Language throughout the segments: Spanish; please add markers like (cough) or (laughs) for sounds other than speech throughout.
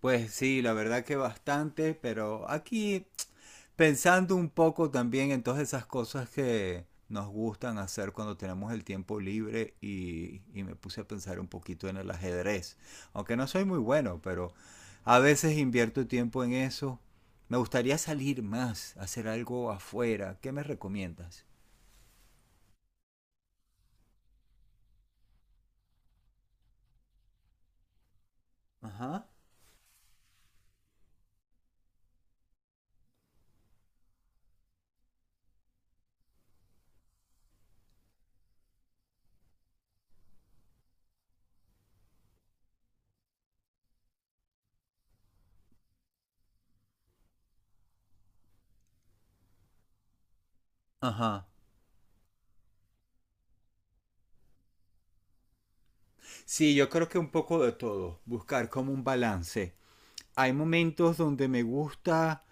Pues sí, la verdad que bastante, pero aquí pensando un poco también en todas esas cosas que nos gustan hacer cuando tenemos el tiempo libre y me puse a pensar un poquito en el ajedrez, aunque no soy muy bueno, pero a veces invierto tiempo en eso. Me gustaría salir más, hacer algo afuera. ¿Qué me recomiendas? Ajá. Ajá. Sí, yo creo que un poco de todo, buscar como un balance. Hay momentos donde me gusta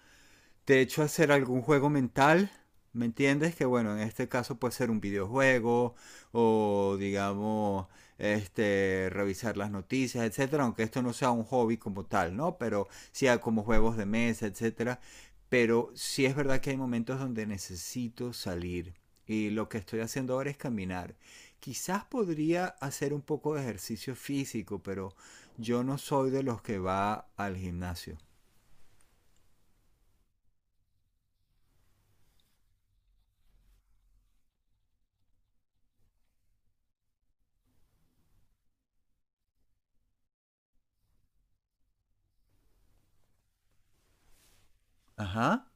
de hecho hacer algún juego mental, ¿me entiendes? Que bueno, en este caso puede ser un videojuego o digamos este revisar las noticias, etcétera, aunque esto no sea un hobby como tal, ¿no? Pero sea como juegos de mesa, etcétera, pero sí es verdad que hay momentos donde necesito salir y lo que estoy haciendo ahora es caminar. Quizás podría hacer un poco de ejercicio físico, pero yo no soy de los que va al gimnasio. Ajá.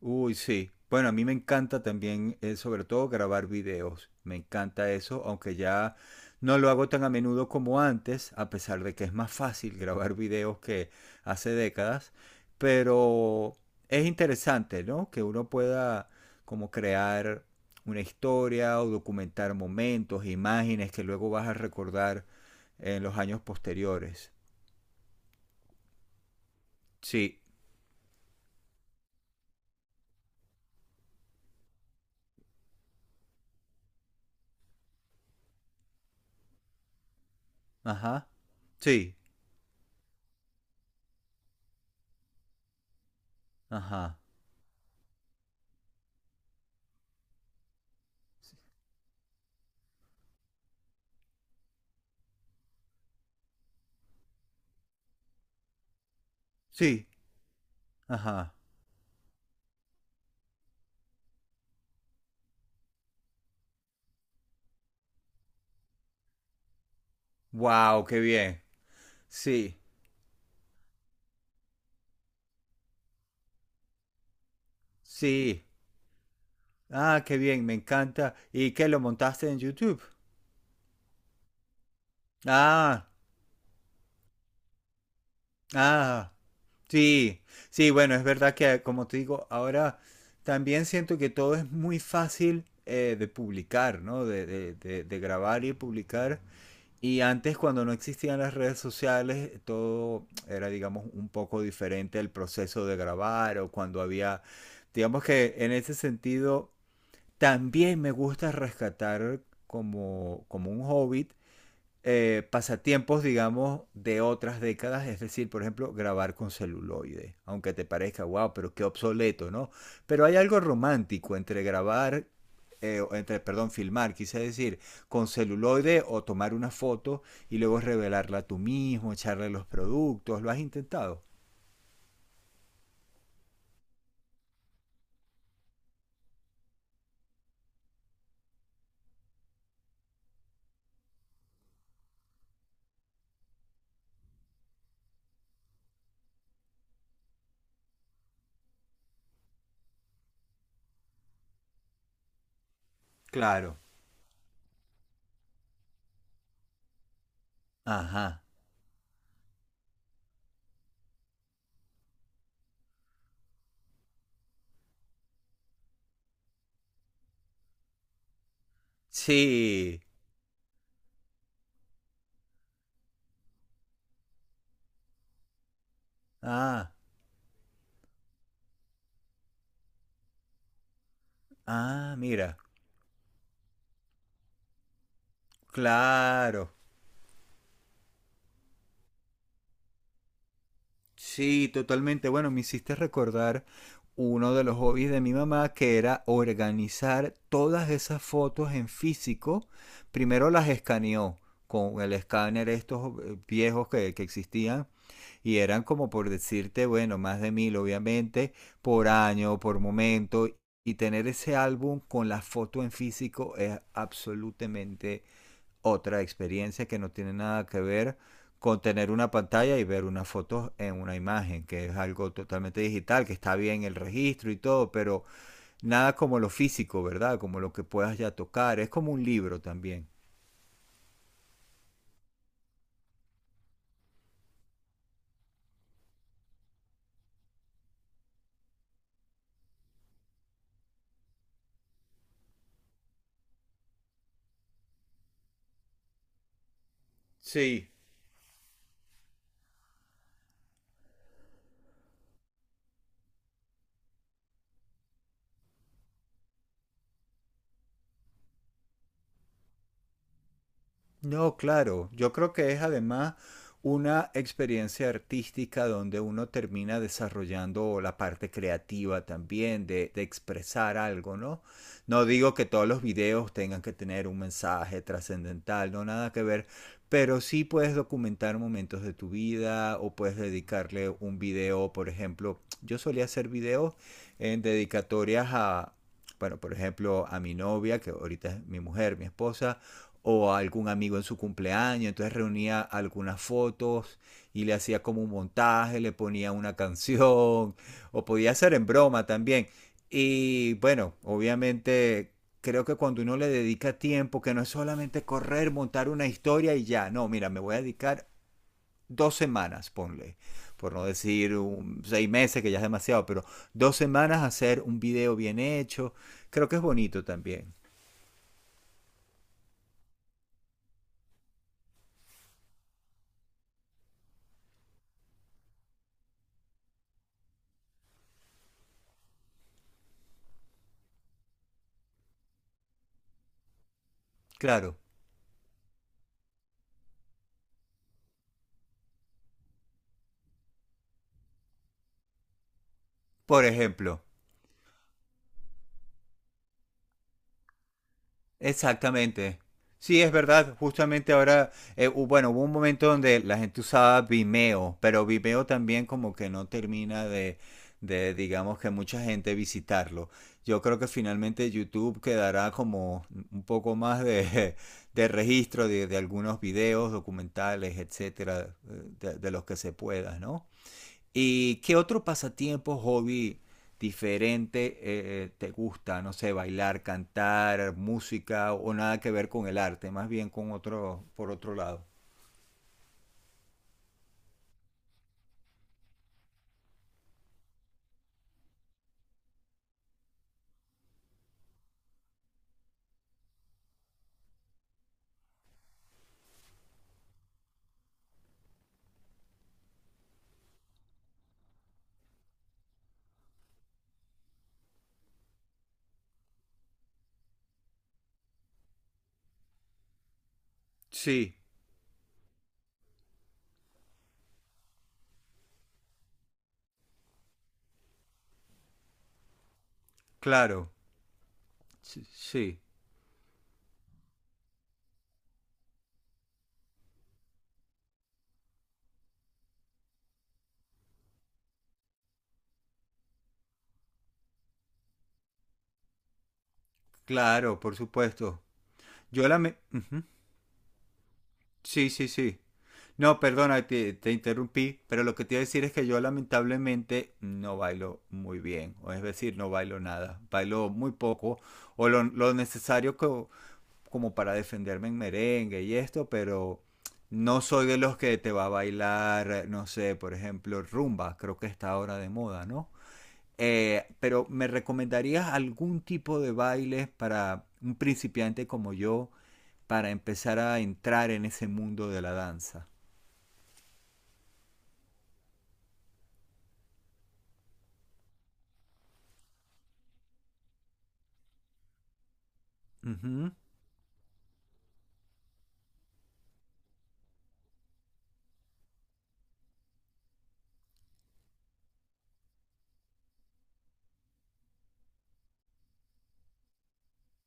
Uy, sí. Bueno, a mí me encanta también, sobre todo, grabar videos. Me encanta eso, aunque ya no lo hago tan a menudo como antes, a pesar de que es más fácil grabar videos que hace décadas. Pero es interesante, ¿no? Que uno pueda como crear una historia o documentar momentos, imágenes que luego vas a recordar en los años posteriores. Sí. Ajá. Sí. Ajá. Sí. Ajá. Wow, qué bien. Sí, sí. Ah, qué bien, me encanta. ¿Y qué lo montaste en YouTube? Ah, ah, sí. Sí, bueno, es verdad que como te digo, ahora también siento que todo es muy fácil de publicar, ¿no? De grabar y publicar. Y antes, cuando no existían las redes sociales, todo era, digamos, un poco diferente el proceso de grabar o cuando había, digamos que en ese sentido también me gusta rescatar como, como un hobbit pasatiempos, digamos, de otras décadas, es decir, por ejemplo, grabar con celuloide, aunque te parezca, wow, pero qué obsoleto, ¿no? Pero hay algo romántico entre grabar, entre, perdón, filmar, quise decir, con celuloide o tomar una foto y luego revelarla tú mismo, echarle los productos, ¿lo has intentado? Claro. Ajá. Sí. Ah, ah, mira. Claro. Sí, totalmente. Bueno, me hiciste recordar uno de los hobbies de mi mamá que era organizar todas esas fotos en físico. Primero las escaneó con el escáner estos viejos que existían y eran como por decirte, bueno, más de mil obviamente, por año, por momento. Y tener ese álbum con la foto en físico es absolutamente otra experiencia que no tiene nada que ver con tener una pantalla y ver una foto en una imagen, que es algo totalmente digital, que está bien el registro y todo, pero nada como lo físico, ¿verdad? Como lo que puedas ya tocar. Es como un libro también. Sí, no, claro, yo creo que es además una experiencia artística donde uno termina desarrollando la parte creativa también de expresar algo, ¿no? No digo que todos los videos tengan que tener un mensaje trascendental, no nada que ver, pero sí puedes documentar momentos de tu vida o puedes dedicarle un video, por ejemplo, yo solía hacer videos en dedicatorias a, bueno, por ejemplo, a mi novia, que ahorita es mi mujer, mi esposa, o a algún amigo en su cumpleaños, entonces reunía algunas fotos y le hacía como un montaje, le ponía una canción, (laughs) o podía hacer en broma también. Y bueno, obviamente creo que cuando uno le dedica tiempo, que no es solamente correr, montar una historia y ya, no, mira, me voy a dedicar dos semanas, ponle, por no decir seis meses, que ya es demasiado, pero dos semanas a hacer un video bien hecho, creo que es bonito también. Claro, por ejemplo. Exactamente. Sí, es verdad. Justamente ahora, bueno, hubo un momento donde la gente usaba Vimeo, pero Vimeo también como que no termina de, digamos que mucha gente visitarlo. Yo creo que finalmente YouTube quedará como un poco más de, (laughs) de registro de algunos videos, documentales, etcétera, de los que se pueda, ¿no? ¿Y qué otro pasatiempo, hobby diferente te gusta? No sé, bailar, cantar, música o nada que ver con el arte, más bien con otro, por otro lado. Sí, claro, sí, sí, claro, por supuesto. Ujú. Sí, sí, sí. No, perdona, te interrumpí, pero lo que te iba a decir es que yo lamentablemente no bailo muy bien, o es decir, no bailo nada, bailo muy poco, o lo necesario que, como para defenderme en merengue y esto, pero no soy de los que te va a bailar, no sé, por ejemplo, rumba, creo que está ahora de moda, ¿no? Pero ¿me recomendarías algún tipo de bailes para un principiante como yo para empezar a entrar en ese mundo de la danza? Ujú.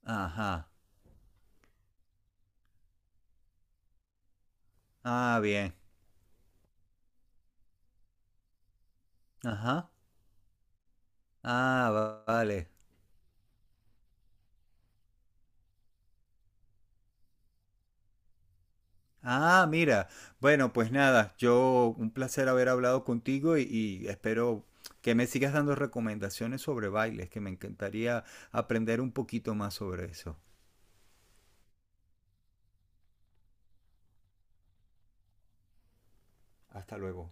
Ajá. Ah, bien. Ajá. Ah, va- vale. Ah, mira. Bueno, pues nada, yo un placer haber hablado contigo y espero que me sigas dando recomendaciones sobre bailes, que me encantaría aprender un poquito más sobre eso. Hasta luego.